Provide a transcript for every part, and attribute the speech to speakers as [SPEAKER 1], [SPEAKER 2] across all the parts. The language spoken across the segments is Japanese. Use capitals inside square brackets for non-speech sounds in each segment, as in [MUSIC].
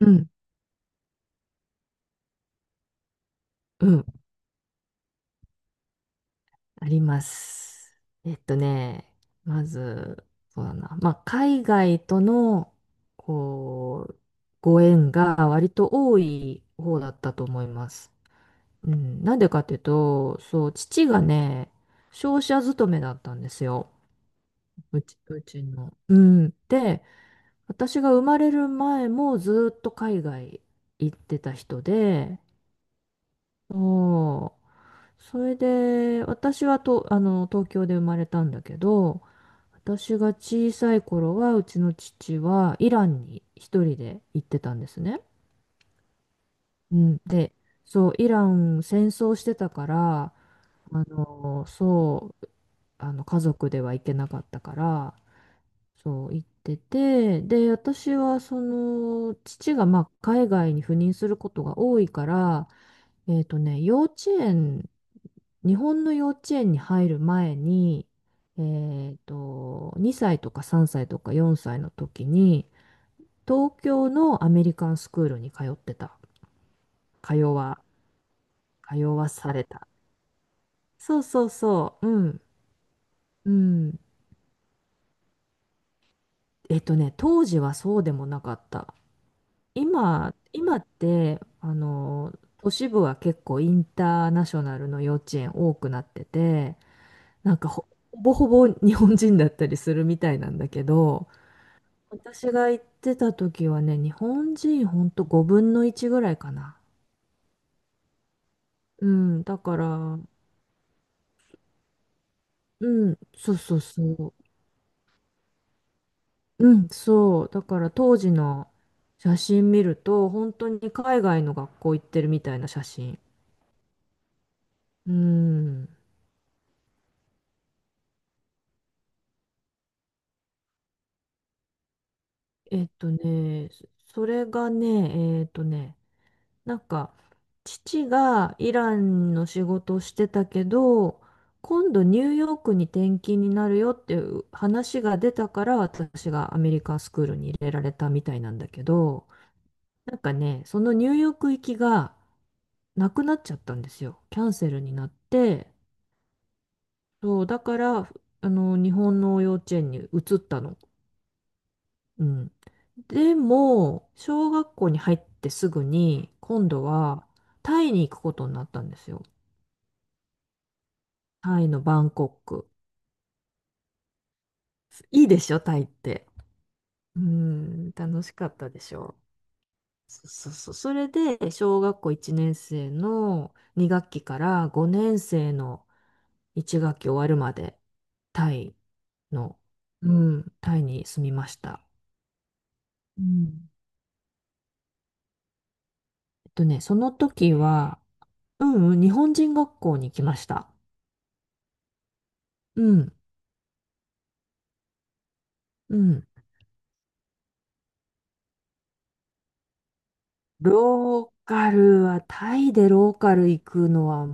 [SPEAKER 1] うん、うん、あります。まず、そうだな、まあ、海外との、こう、ご縁が割と多い方だったと思います。うん、なんでかっていうと、そう、父がね、商社勤めだったんですよ。うちの。うん。で、私が生まれる前もずっと海外行ってた人で、そう、それで、私はと、東京で生まれたんだけど、私が小さい頃は、うちの父はイランに一人で行ってたんですね。うん。で、そう、イラン戦争してたから、そう、家族では行けなかったから、そう、行ってて、で、私は、その、父が、まあ、海外に赴任することが多いから、えっとね、幼稚園日本の幼稚園に入る前に、2歳とか3歳とか4歳の時に、東京のアメリカンスクールに通ってた。通わ、通わされた。そうそうそう、うん、うん。当時はそうでもなかった。今って、都市部は結構インターナショナルの幼稚園多くなってて、なんかほぼほぼ日本人だったりするみたいなんだけど、私が行ってた時はね、日本人ほんと5分の1ぐらいかな。うん、だから、うん、そうそうそう。うん、そう。だから当時の写真見ると、本当に海外の学校行ってるみたいな写真。うん。えっとね、そそれがね、なんか、父がイランの仕事をしてたけど、今度ニューヨークに転勤になるよっていう話が出たから、私がアメリカンスクールに入れられたみたいなんだけど、なんかね、そのニューヨーク行きがなくなっちゃったんですよ。キャンセルになって、そう、だから、日本の幼稚園に移ったの。うん。でも、小学校に入ってすぐに、今度はタイに行くことになったんですよ。タイのバンコク。いいでしょ、タイって。うん、楽しかったでしょ。そうそうそう。それで、小学校1年生の2学期から5年生の1学期終わるまで、タイの、うん、タイに住みました。うん。その時は、うんうん、日本人学校に来ました。うん、うん。ローカルは、タイでローカル行くのは、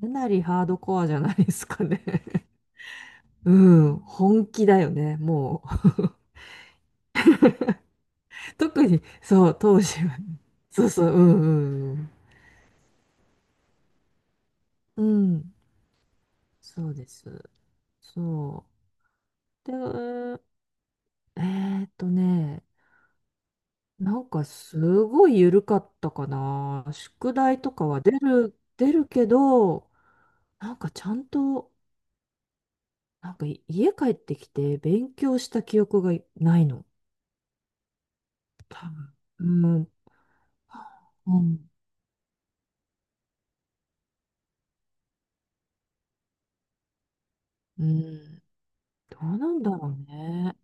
[SPEAKER 1] かなりハードコアじゃないですかね。うん、本気だよね、もう。[LAUGHS] 特に、そう、当時は。そうそう、うんうんうん。うん、そうです。そう。で、えーっとね、なんかすごい緩かったかな。宿題とかは出るけど、なんかちゃんと、なんかい家帰ってきて勉強した記憶がないの。多分。うん。うん。うん。どうなんだろうね。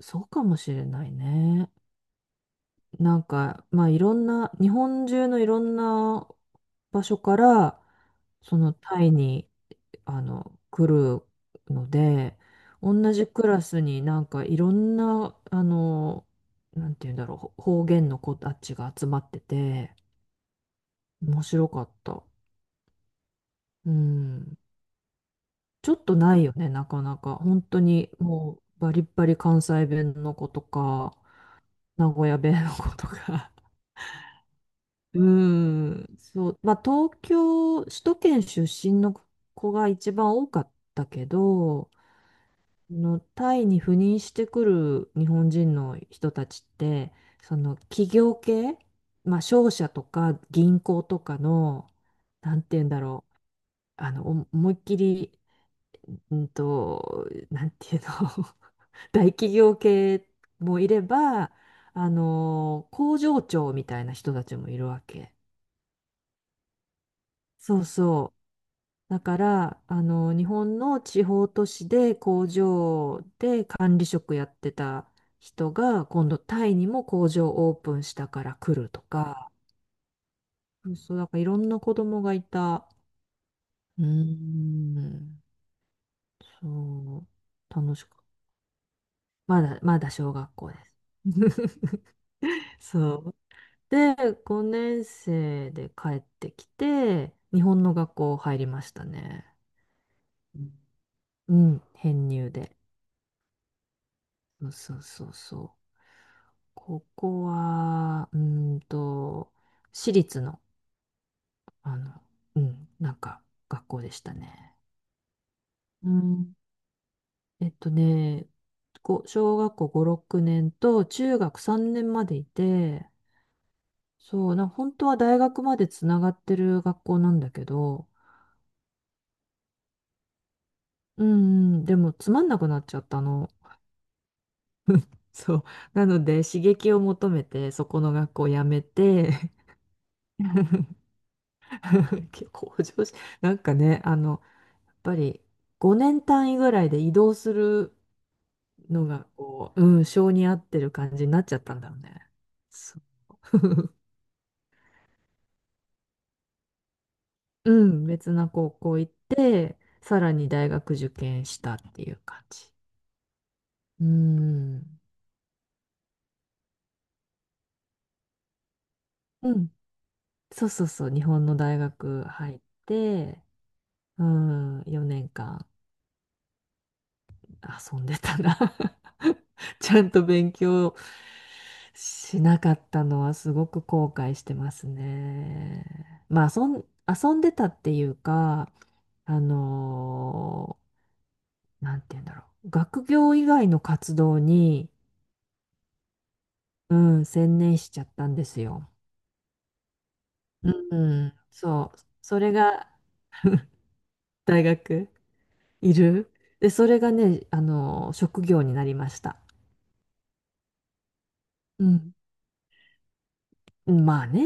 [SPEAKER 1] そうかもしれないね。なんか、まあいろんな、日本中のいろんな場所から、そのタイに、来るので、同じクラスになんかいろんな、なんて言うんだろう、方言の子たちが集まってて、面白かった。うん。ちょっとないよね、なかなか。本当にもうバリッバリ関西弁の子とか、名古屋弁の子とか。うーん、そう、まあ、首都圏出身の子が一番多かったけど、あのタイに赴任してくる日本人の人たちって、その企業系、まあ、商社とか銀行とかの、なんて言うんだろう、思いっきり、なんていうの、[LAUGHS] 大企業系もいれば、工場長みたいな人たちもいるわけ。そうそう。だから、日本の地方都市で工場で管理職やってた人が、今度タイにも工場オープンしたから来るとか、そう、そうだからいろんな子供がいた。うーん、そう、楽しく。まだ小学校です。[LAUGHS] そう。で、5年生で帰ってきて、日本の学校入りましたね。うん、うん編入で。そうそうそうそう。ここは、私立の、あの、うん、なんか、学校でしたね。うん。えっとね、こう小学校5、6年と中学3年までいて、本当は大学までつながってる学校なんだけど、うんうん、でもつまんなくなっちゃったの。そう。なので、刺激を求めて、そこの学校を辞めて、[LAUGHS] 結構向上し、なんかね、ぱり5年単位ぐらいで移動するのがこう、うん、性に合ってる感じになっちゃったんだよね。そう。 [LAUGHS] うん、別な高校行って、さらに大学受験したっていう感じ。うん、うん、そうそうそう、日本の大学入って、うん、4年間遊んでたな。 [LAUGHS] ちゃんと勉強しなかったのはすごく後悔してますね。まあ遊んでたっていうか、あのーなんて言うんだろう。学業以外の活動に、うん、専念しちゃったんですよ。うん、そう。それが大学いる。で、それがね、あの職業になりました。うん。まあね。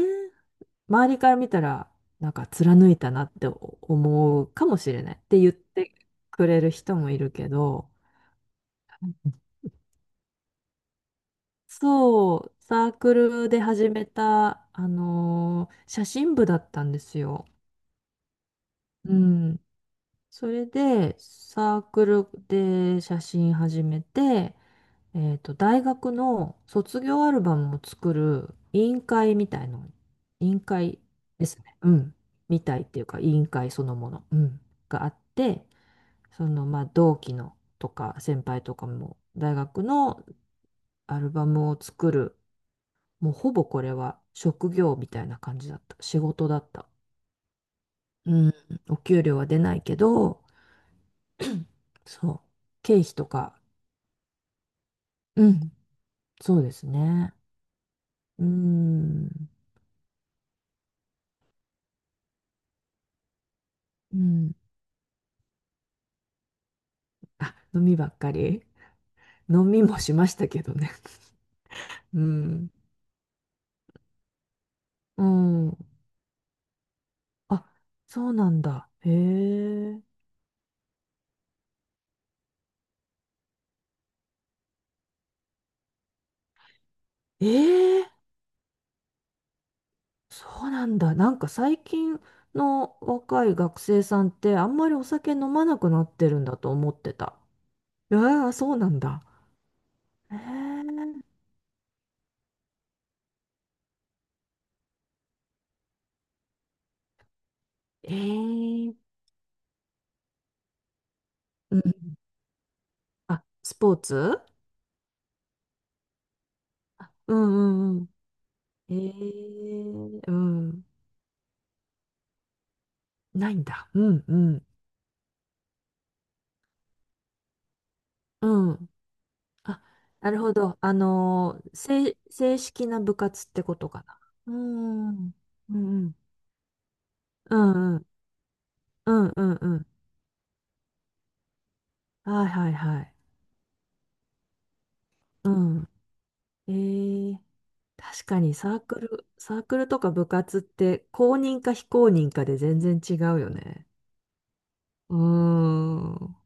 [SPEAKER 1] 周りから見たら、なんか貫いたなって思うかもしれないって言ってくれる人もいるけど、そう、サークルで始めた、写真部だったんですよ。うん。それで、サークルで写真始めて、大学の卒業アルバムを作る委員会みたいの、委員会ですね。うん。みたいっていうか、委員会そのもの、うん、があって、そのまあ同期のとか先輩とかも大学のアルバムを作る、もうほぼこれは職業みたいな感じだった。仕事だった。うん。お給料は出ないけど、そう。経費とか、うん。そうですね。うん。うん。あ、飲みばっかり、飲みもしましたけどね。[LAUGHS] うん。うん。あ、そうなんだ。へえ。ええ、そうなんだ。なんか最近の若い学生さんってあんまりお酒飲まなくなってるんだと思ってた。ああ、そうなんだ。へえ。うん。あ、スポーツ。あ、うんうんうん。ええ、うん。ないんだ。うんうん。うん。あ、なるほど。正式な部活ってことかな。うん。うんうん。うんうん。うんうんうん。はいはいはい。うん。えー、確かにサークルとか部活って公認か非公認かで全然違うよね。うーん。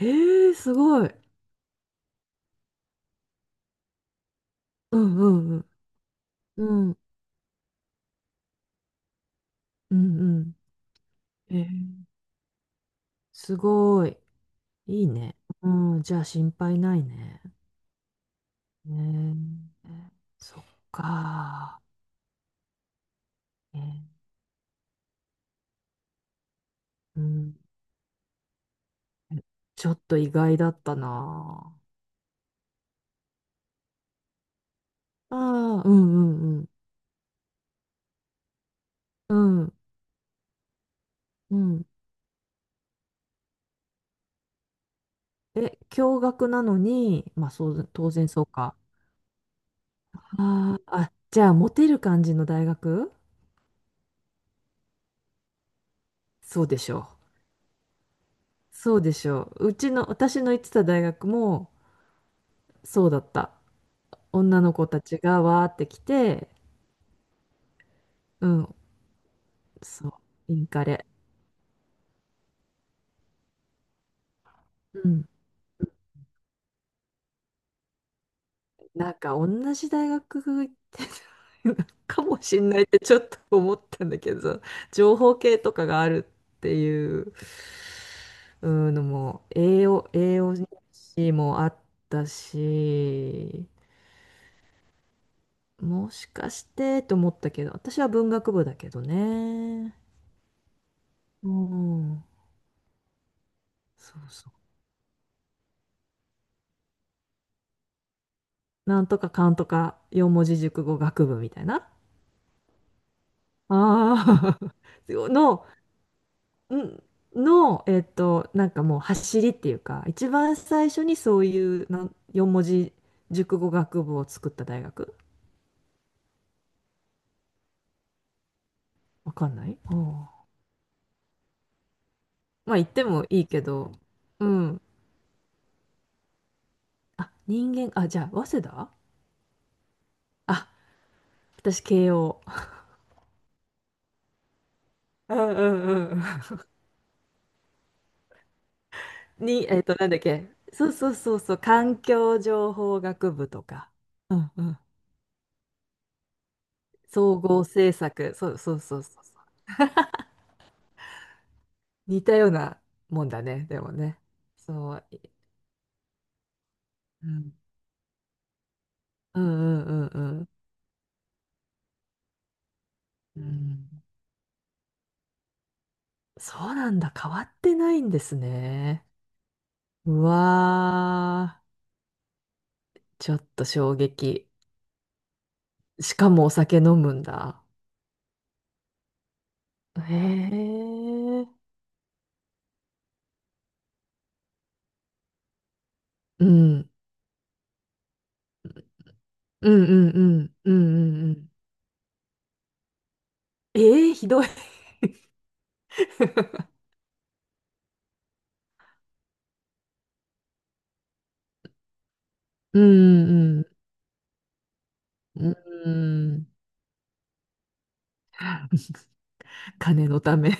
[SPEAKER 1] えー、すごい。うんうんうん。うんうんうん。えー、すごい。いいね。うん、じゃあ心配ないね。ねえ、そっか。えー、うん。ちょっと意外だったな。ああ、うんうんうん。うんうん。え、共学なのに、まあ、そう、当然そうか。あーあ、じゃあ、モテる感じの大学そうでしょう。そうでしょう。うちの、私の行ってた大学も、そうだった。女の子たちがわーって来て、うん、そう、インカレ。うん、なんか同じ大学行ってた [LAUGHS] かもしんないってちょっと思ったんだけど、情報系とかがあるっていう、うんのも、栄養士もあったし、もしかしてと思ったけど、私は文学部だけどね。うん、そうそう。なんとかかんとか四文字熟語学部みたいな。ああ。 [LAUGHS] のうんの、なんかもう走りっていうか、一番最初にそういう4文字熟語学部を作った大学わかんない。ああ、まあ言ってもいいけど、うん。あ、人間、あ、じゃあ、早稲田。あ、私、慶応。うんうんうんうん。に、なんだっけ。そうそうそうそう、環境情報学部とか、うんうん。総合政策、そうそうそうそうそう。似たようなもんだね、でもね。そう、うんうんうんうんうん。うん、そうなんだ。変わってないんですね。うわー。ちょっと衝撃。しかもお酒飲むんだ。へえ。うん。うんうんうんうんうんうん。ええー、ひどい。[LAUGHS] うんうんうん。うん。金のため。